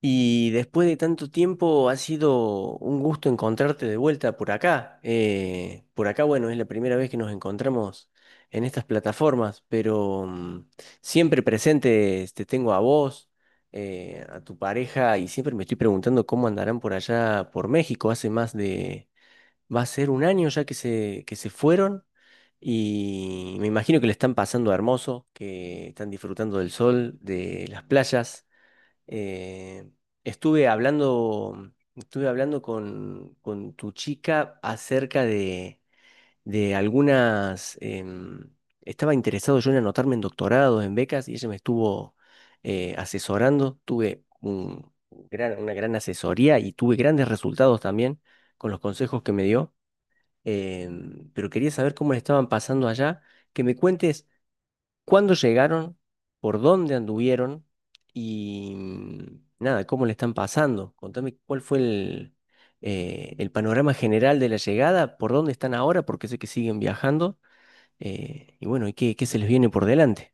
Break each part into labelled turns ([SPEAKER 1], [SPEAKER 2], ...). [SPEAKER 1] Y después de tanto tiempo ha sido un gusto encontrarte de vuelta por acá. Por acá, bueno, es la primera vez que nos encontramos en estas plataformas, pero siempre presente te tengo a vos, a tu pareja, y siempre me estoy preguntando cómo andarán por allá, por México. Va a ser un año ya que se fueron. Y me imagino que le están pasando hermoso, que están disfrutando del sol, de las playas. Eh, Estuve hablando con tu chica acerca de algunas. Estaba interesado yo en anotarme en doctorados, en becas, y ella me estuvo asesorando. Tuve una gran asesoría y tuve grandes resultados también con los consejos que me dio. Pero quería saber cómo le estaban pasando allá. Que me cuentes cuándo llegaron, por dónde anduvieron y nada, cómo le están pasando. Contame cuál fue el panorama general de la llegada, por dónde están ahora, porque sé que siguen viajando y bueno, y qué se les viene por delante.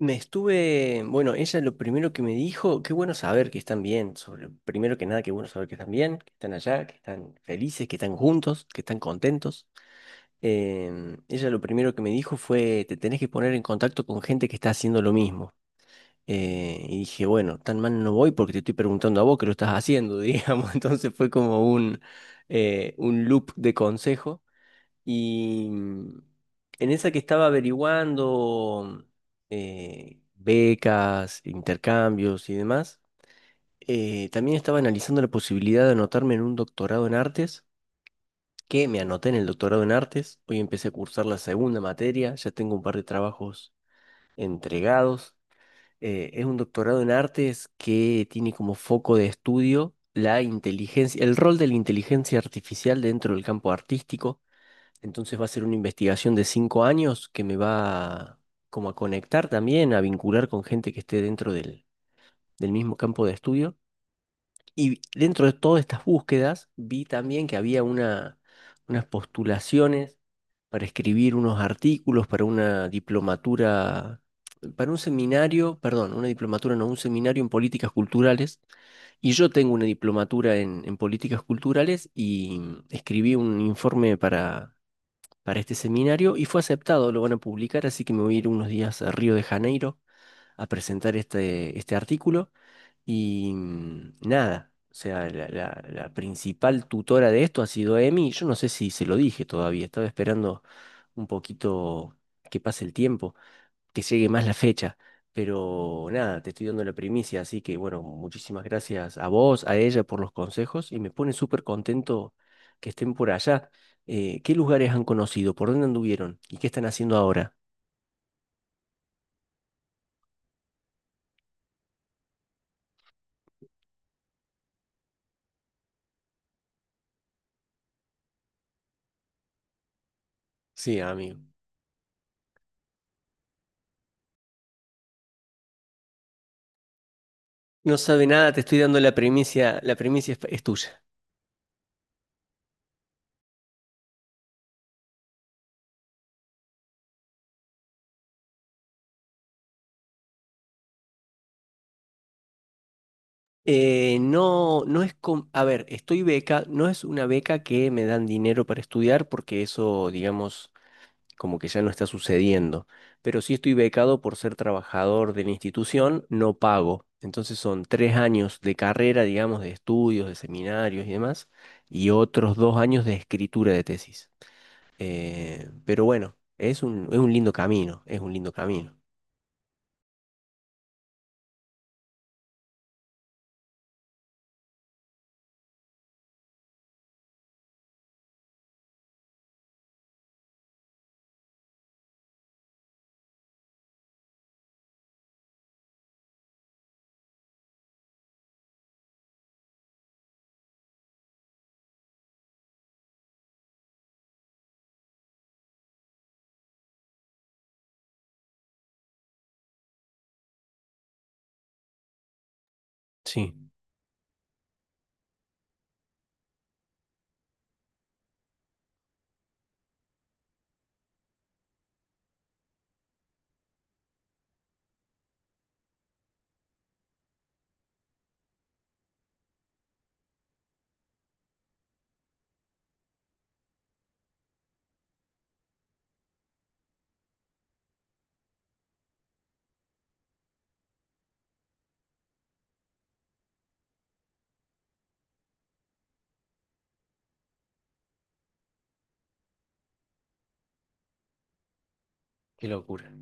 [SPEAKER 1] Bueno, ella lo primero que me dijo, qué bueno saber que están bien, primero que nada, qué bueno saber que están bien, que están allá, que están felices, que están juntos, que están contentos. Ella lo primero que me dijo fue, te tenés que poner en contacto con gente que está haciendo lo mismo. Y dije, bueno, tan mal no voy porque te estoy preguntando a vos que lo estás haciendo, digamos. Entonces fue como un loop de consejo. Y en esa que estaba averiguando becas, intercambios y demás, también estaba analizando la posibilidad de anotarme en un doctorado en artes que me anoté en el doctorado en artes. Hoy empecé a cursar la segunda materia, ya tengo un par de trabajos entregados. Es un doctorado en artes que tiene como foco de estudio la inteligencia, el rol de la inteligencia artificial dentro del campo artístico. Entonces va a ser una investigación de 5 años que me va como a conectar también, a vincular con gente que esté dentro del mismo campo de estudio. Y dentro de todas estas búsquedas vi también que había unas postulaciones para escribir unos artículos para una diplomatura, para un seminario, perdón, una diplomatura, no, un seminario en políticas culturales. Y yo tengo una diplomatura en políticas culturales y escribí un informe para este seminario y fue aceptado, lo van a publicar, así que me voy a ir unos días a Río de Janeiro a presentar este artículo. Y nada, o sea, la principal tutora de esto ha sido Emi. Yo no sé si se lo dije todavía, estaba esperando un poquito que pase el tiempo, que llegue más la fecha. Pero nada, te estoy dando la primicia, así que bueno, muchísimas gracias a vos, a ella por los consejos y me pone súper contento que estén por allá. ¿Qué lugares han conocido? ¿Por dónde anduvieron? ¿Y qué están haciendo ahora? Sí, amigo. No sabe nada, te estoy dando la primicia es tuya. No, no a ver, no es una beca que me dan dinero para estudiar porque eso, digamos, como que ya no está sucediendo. Pero sí estoy becado por ser trabajador de la institución, no pago. Entonces son 3 años de carrera, digamos, de estudios, de seminarios y demás, y otros 2 años de escritura de tesis. Pero bueno, es un lindo camino, es un lindo camino. Sí, qué locura.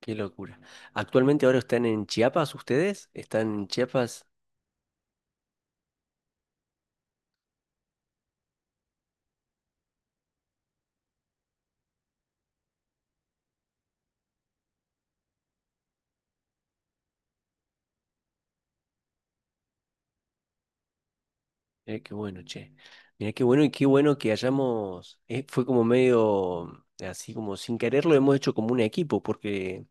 [SPEAKER 1] Qué locura. Actualmente ahora están en Chiapas ustedes, están en Chiapas. Mirá qué bueno, che. Mirá qué bueno y qué bueno que fue como medio, así como sin querer lo hemos hecho como un equipo, porque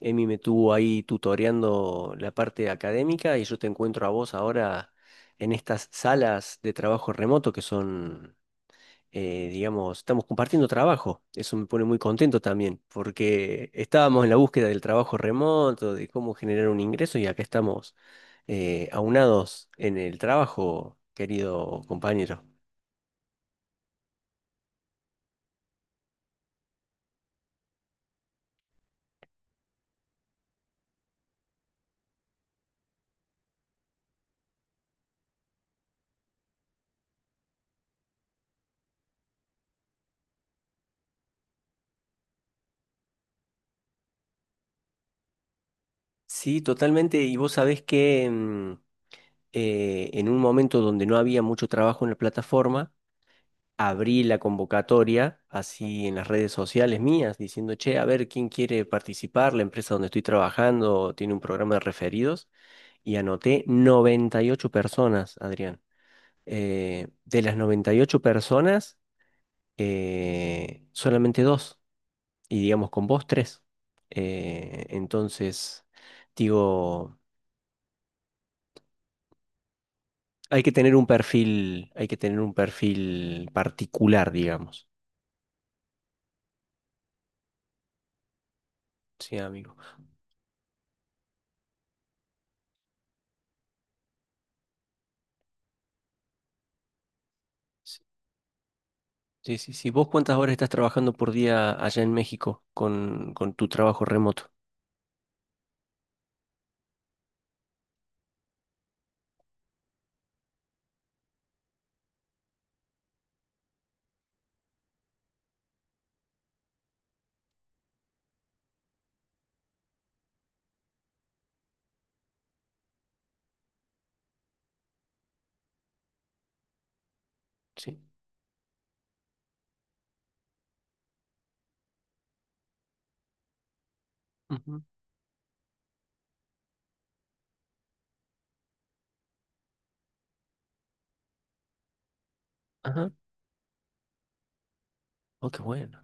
[SPEAKER 1] Emi me tuvo ahí tutoreando la parte académica y yo te encuentro a vos ahora en estas salas de trabajo remoto que son digamos, estamos compartiendo trabajo. Eso me pone muy contento también, porque estábamos en la búsqueda del trabajo remoto, de cómo generar un ingreso, y acá estamos aunados en el trabajo, querido compañero. Sí, totalmente. Y vos sabés que en un momento donde no había mucho trabajo en la plataforma, abrí la convocatoria así en las redes sociales mías, diciendo, che, a ver quién quiere participar, la empresa donde estoy trabajando tiene un programa de referidos. Y anoté 98 personas, Adrián. De las 98 personas, solamente dos, y digamos con vos tres. Entonces, digo, hay que tener un perfil, hay que tener un perfil particular, digamos. Sí, amigo. Sí, sí, sí. Sí. ¿Vos cuántas horas estás trabajando por día allá en México con tu trabajo remoto? Sí. Ujú. Ajá. Oh, qué bueno.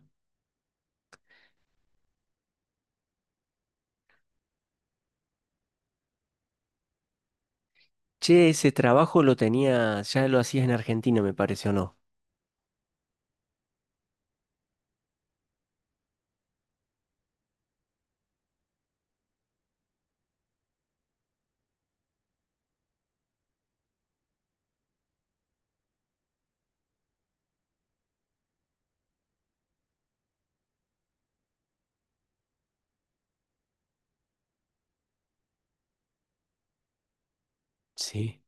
[SPEAKER 1] Che, ese trabajo lo tenías, ya lo hacías en Argentina, me parece, ¿o no? Sí.